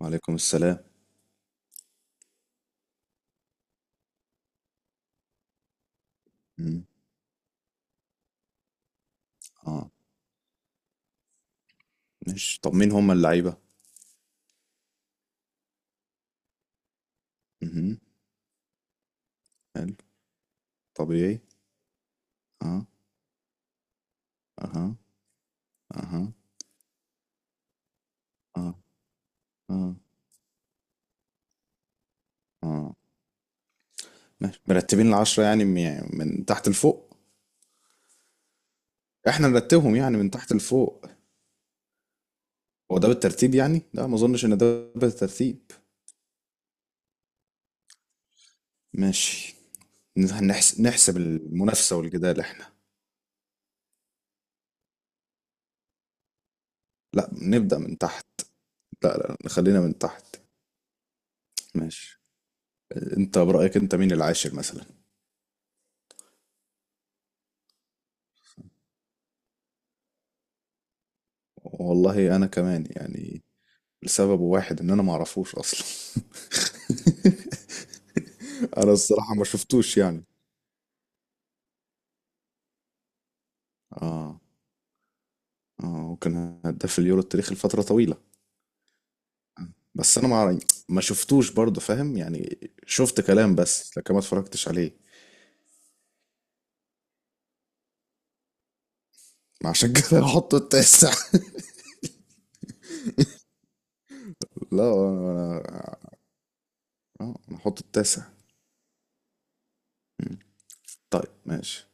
وعليكم السلام. مم. اه، مش طب مين هم اللعيبة؟ مهم. حلو. طبيعي. اه. اها. اها. اه. اه. اه، ماشي، مرتبين العشرة يعني من تحت لفوق؟ احنا نرتبهم يعني من تحت لفوق. هو ده بالترتيب يعني؟ لا ما اظنش ان ده بالترتيب. ماشي، نحسب المنافسة والجدال احنا. لا، نبدأ من تحت. لا لا، خلينا من تحت. ماشي، انت برأيك انت مين العاشر مثلا؟ والله انا كمان يعني، لسبب واحد ان انا ما اعرفوش اصلا. انا الصراحه ما شفتوش يعني. اه. اه، وكان هداف اليورو التاريخي لفتره طويله. بس انا ما شفتوش برضه، فاهم؟ يعني شفت كلام بس لكن ما اتفرجتش عليه. ما عشان كده هحط التاسع. لا انا اه، انا هحط التاسع. طيب ماشي.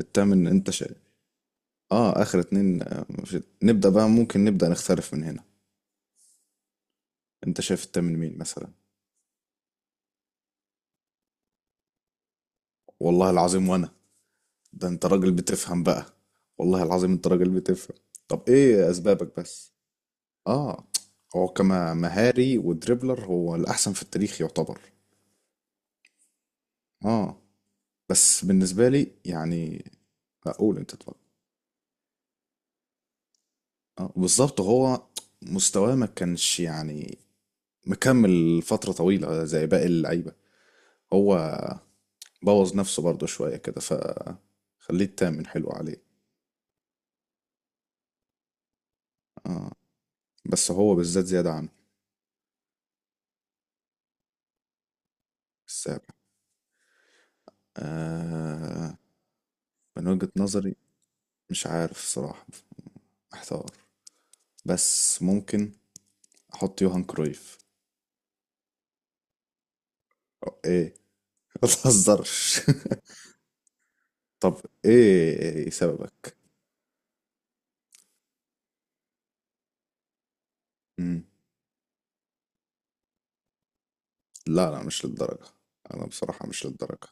التامن انت شايف؟ اه، اخر اتنين. نبدأ بقى، ممكن نبدأ نختلف من هنا. انت شايف التامن مين مثلا؟ والله العظيم وانا، ده انت راجل بتفهم بقى. والله العظيم انت راجل بتفهم. طب ايه اسبابك بس؟ اه، هو كما مهاري ودريبلر هو الاحسن في التاريخ يعتبر. اه. بس بالنسبه لي يعني، اقول انت اتفضل. اه بالظبط، هو مستواه ما كانش يعني مكمل فتره طويله زي باقي اللعيبه. هو بوظ نفسه برضه شويه كده، ف خليه التامن حلو عليه. اه، بس هو بالذات زياده عنه. السابع. آه. من وجهة نظري مش عارف الصراحة، محتار. بس ممكن أحط يوهان كرويف. أو إيه؟ ما تهزرش. طب إيه سببك؟ مم. لا لا، مش للدرجة. أنا بصراحة مش للدرجة.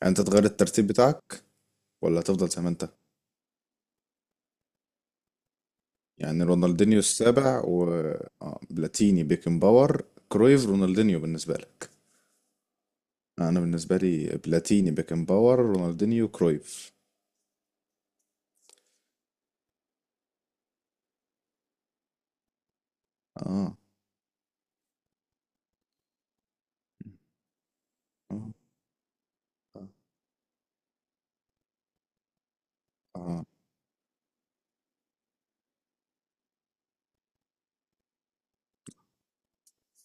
يعني أنت تغير الترتيب بتاعك ولا تفضل زي ما أنت؟ يعني رونالدينيو السابع و بلاتيني بيكنباور كرويف رونالدينيو بالنسبة لك. أنا بالنسبة لي بلاتيني بيكنباور رونالدينيو كرويف. آه. آه. آه. آه.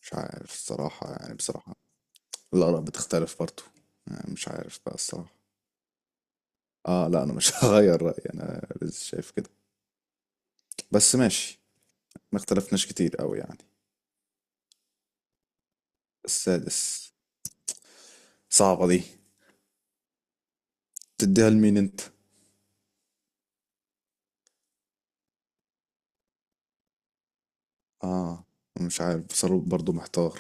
مش عارف الصراحة، يعني بصراحة الآراء بتختلف برضه. يعني مش عارف بقى الصراحة. اه لا انا مش هغير رأيي، انا لسه شايف كده. بس ماشي، ما اختلفناش كتير قوي يعني. السادس. صعبة دي، تديها لمين انت؟ اه، مش عارف بصراحة، برضه محتار.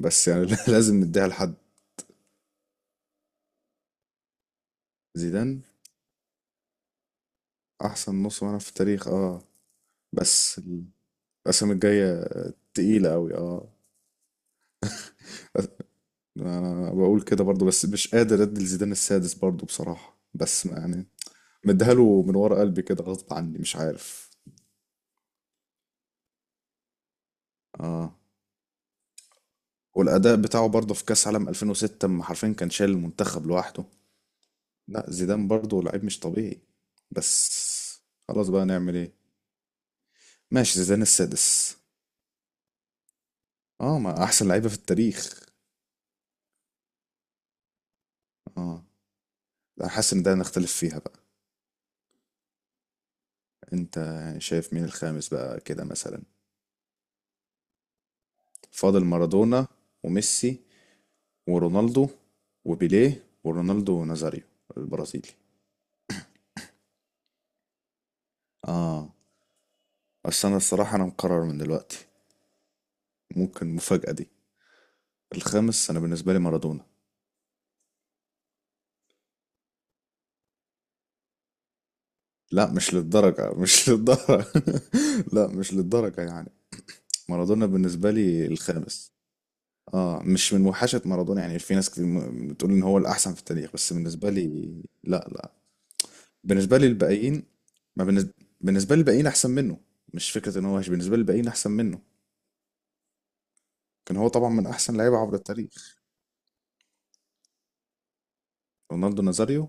بس يعني لازم نديها لحد. زيدان. احسن نص ملعب في التاريخ اه. بس الاسامي الجاية تقيلة قوي اه. انا بقول كده برضه بس مش قادر ادي لزيدان السادس برضه بصراحة، بس يعني مديها له من ورا قلبي كده غصب عني، مش عارف. اه، والاداء بتاعه برضه في كاس عالم 2006 اما حرفيا كان شايل المنتخب لوحده. لا زيدان برضه لعيب مش طبيعي. بس خلاص بقى، نعمل ايه؟ ماشي، زيدان السادس. اه، ما احسن لعيبه في التاريخ. اه، لا حاسس ان ده نختلف فيها بقى. انت شايف مين الخامس بقى كده مثلا؟ فاضل مارادونا وميسي ورونالدو وبيليه ورونالدو نازاريو البرازيلي. اه، بس انا الصراحة انا مقرر من دلوقتي. ممكن المفاجأة دي، الخامس انا بالنسبة لي مارادونا. لا مش للدرجة، مش للدرجة. لا مش للدرجة يعني. مارادونا بالنسبة لي الخامس. اه، مش من وحشة مارادونا، يعني في ناس كتير بتقول ان هو الاحسن في التاريخ، بس بالنسبة لي. لا لا، بالنسبة لي الباقيين، ما بالنسبة، بالنسبة لي الباقيين احسن منه. مش فكرة ان هو وحش، بالنسبة لي الباقيين احسن منه. كان هو طبعا من احسن لعيبة عبر التاريخ. رونالدو نازاريو.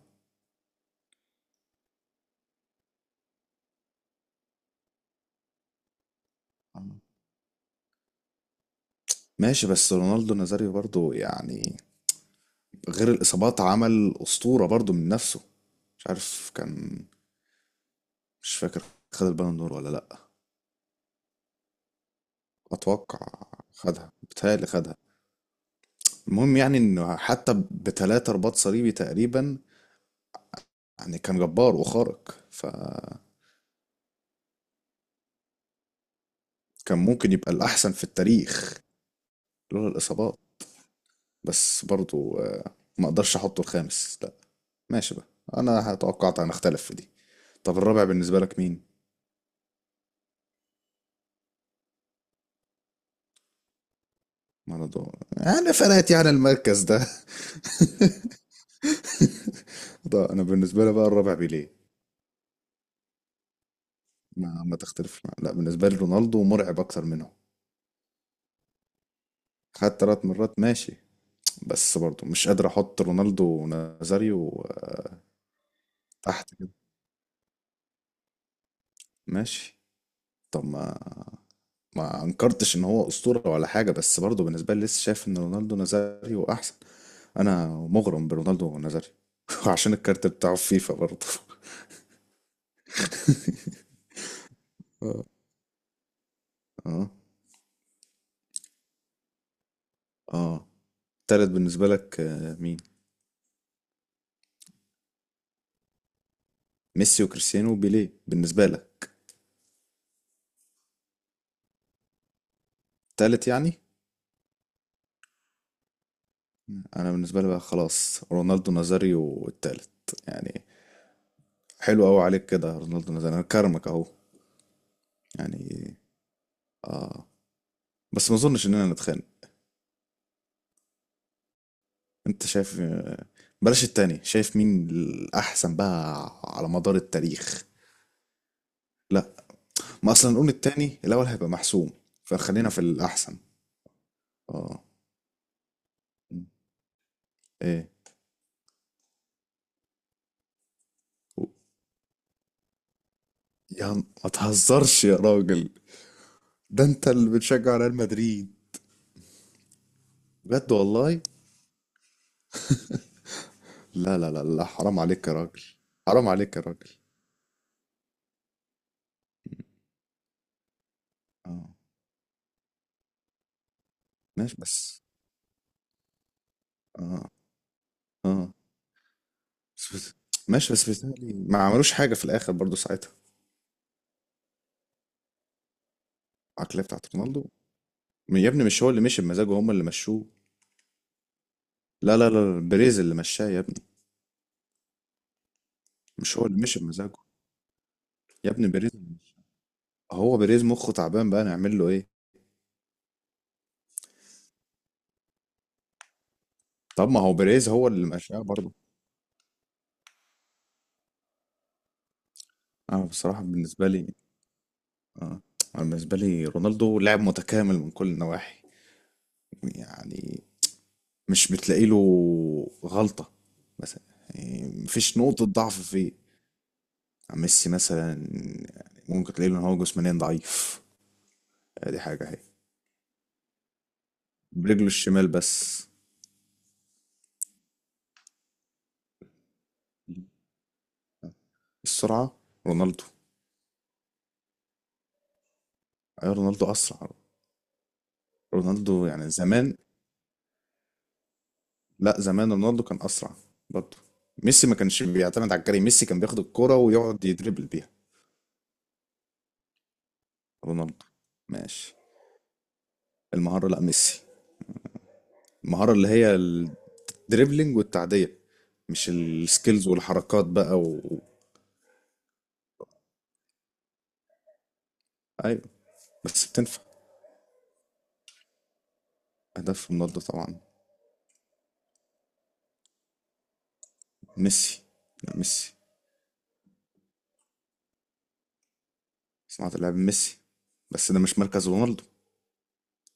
آه، ماشي، بس رونالدو نازاريو برضو يعني غير الإصابات عمل أسطورة برضو من نفسه. مش عارف، كان، مش فاكر، خد البالون دور ولا لأ؟ أتوقع، خدها، بتهيألي خدها. المهم يعني إنه حتى بتلاتة رباط صليبي تقريبا، يعني كان جبار وخارق، فكان ممكن يبقى الأحسن في التاريخ لولا الإصابات. بس برضو ما أقدرش أحطه الخامس لأ. ماشي بقى، أنا توقعت هنختلف في دي. طب الرابع بالنسبة لك مين؟ مارادونا. أنا فرقت يعني المركز ده. ده أنا بالنسبة لي بقى الرابع بيليه. ما لا بالنسبة لي رونالدو مرعب أكتر منهم. خد تلات مرات، ماشي. بس برضو مش قادر أحط رونالدو ونازاريو تحت كده. ماشي. طب ما ما أنكرتش إن هو أسطورة ولا حاجة، بس برضو بالنسبة لي لسه شايف إن رونالدو ونازاريو أحسن. أنا مغرم برونالدو ونازاريو. عشان الكارت بتاعه في فيفا برضو. آه. اه. اه، تالت بالنسبة لك مين؟ ميسي وكريستيانو وبيليه بالنسبة لك. تالت يعني؟ انا بالنسبه لي بقى خلاص، رونالدو نازاريو التالت يعني. حلو قوي عليك كده رونالدو نازاريو، انا كرمك اهو. يعني، اه، بس ما اظنش اننا نتخانق. انت شايف بلاش التاني، شايف مين الاحسن بقى على مدار التاريخ؟ لا، ما اصلا نقول التاني الاول هيبقى محسوم، فخلينا في الاحسن. اه، ايه و- يا عم ما تهزرش يا راجل، ده انت اللي بتشجع ريال مدريد. بجد والله؟ لا لا لا لا، حرام عليك يا راجل. حرام عليك يا راجل. اه ماشي، بس اه اه، بس بس- ماشي، بس بيتهيألي ما عملوش حاجة في الآخر برضو ساعتها. العقلية بتاعت رونالدو؟ يا ابني مش هو اللي مشي بمزاجه، هم اللي مشوه. لا لا لا، بيريز اللي مشاه يا ابني. مش هو اللي مشي بمزاجه. يا ابني بيريز اللي مشاه. هو بيريز مخه تعبان بقى، نعمل له ايه؟ طب ما هو بيريز هو اللي مشاه برضو. انا بصراحة بالنسبة لي، اه، انا بالنسبة لي رونالدو لاعب متكامل من كل النواحي. يعني مش بتلاقي له غلطة مثلا. يعني مفيش نقطة ضعف فيه. يعني ميسي مثلا يعني، ممكن تلاقي له ان هو جسمانيا ضعيف، دي حاجة اهي. برجله الشمال بس. السرعة. رونالدو. ايوه رونالدو اسرع. رونالدو يعني زمان. لا، زمان رونالدو كان اسرع برضه. ميسي ما كانش بيعتمد على الجري، ميسي كان بياخد الكرة ويقعد يدربل بيها. رونالدو. ماشي. المهارة لا ميسي. المهارة اللي هي الدريبلينج والتعدية، مش السكيلز والحركات بقى ايوه، بس بتنفع. اهداف رونالدو طبعا. ميسي. لا ميسي. صناعة اللعب ميسي. بس ده مش مركز رونالدو.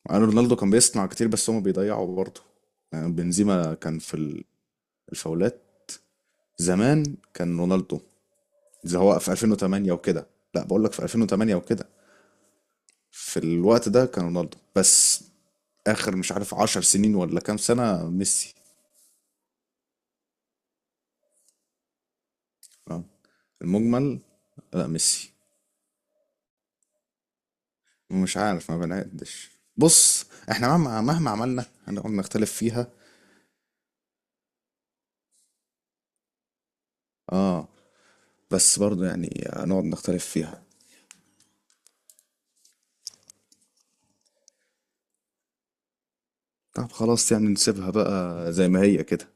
مع ان رونالدو كان بيصنع كتير بس هما بيضيعوا برضه. يعني بنزيما كان الفاولات. زمان كان رونالدو، زي هو في 2008 وكده. لا بقول لك في 2008 وكده، في الوقت ده كان رونالدو بس. اخر مش عارف 10 سنين ولا كام سنة ميسي. اه، المجمل. لا ميسي. مش عارف، ما بنعدش. بص، احنا مهما مهما عملنا هنقعد نختلف فيها. اه، بس برضو يعني هنقعد نختلف فيها. طب خلاص، يعني نسيبها بقى زي ما هي كده.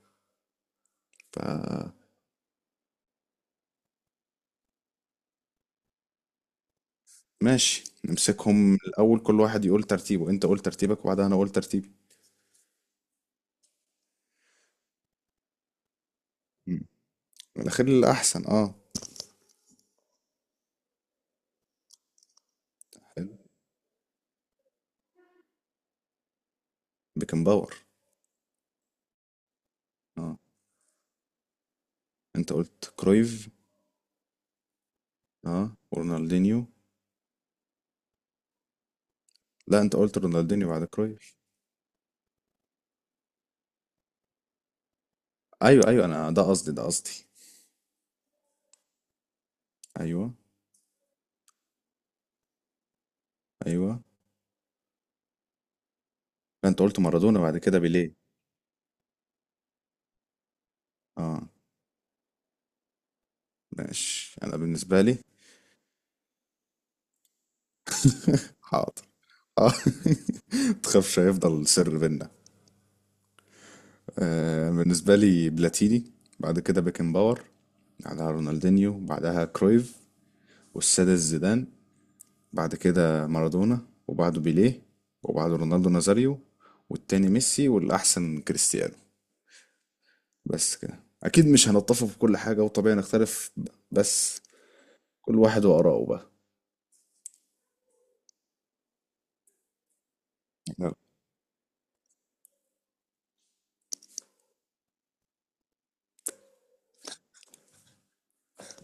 ف ماشي، نمسكهم الاول، كل واحد يقول ترتيبه. انت قول ترتيبك وبعدها انا اقول ترتيبي. مم. الاخير الاحسن اه. حلو. بيكنباور اه. انت قلت كرويف. اه ورونالدينيو. لا انت قلت رونالدينيو بعد كرويف. ايوه ايوه انا، ده قصدي ده قصدي. ايوه ايوه. لا، انت قلت مارادونا بعد كده بيليه. اه ماشي انا بالنسبه لي. حاضر. اه. تخافش، هيفضل سر بينا. آه بالنسبه لي بلاتيني، بعد كده بيكن باور، بعدها رونالدينيو، بعدها كرويف، والسادس زيدان، بعد كده مارادونا، وبعده بيليه، وبعده رونالدو نازاريو، والتاني ميسي، والاحسن كريستيانو. بس كده اكيد مش هنتفق في كل حاجه وطبيعي نختلف. بس كل واحد واراءه بقى.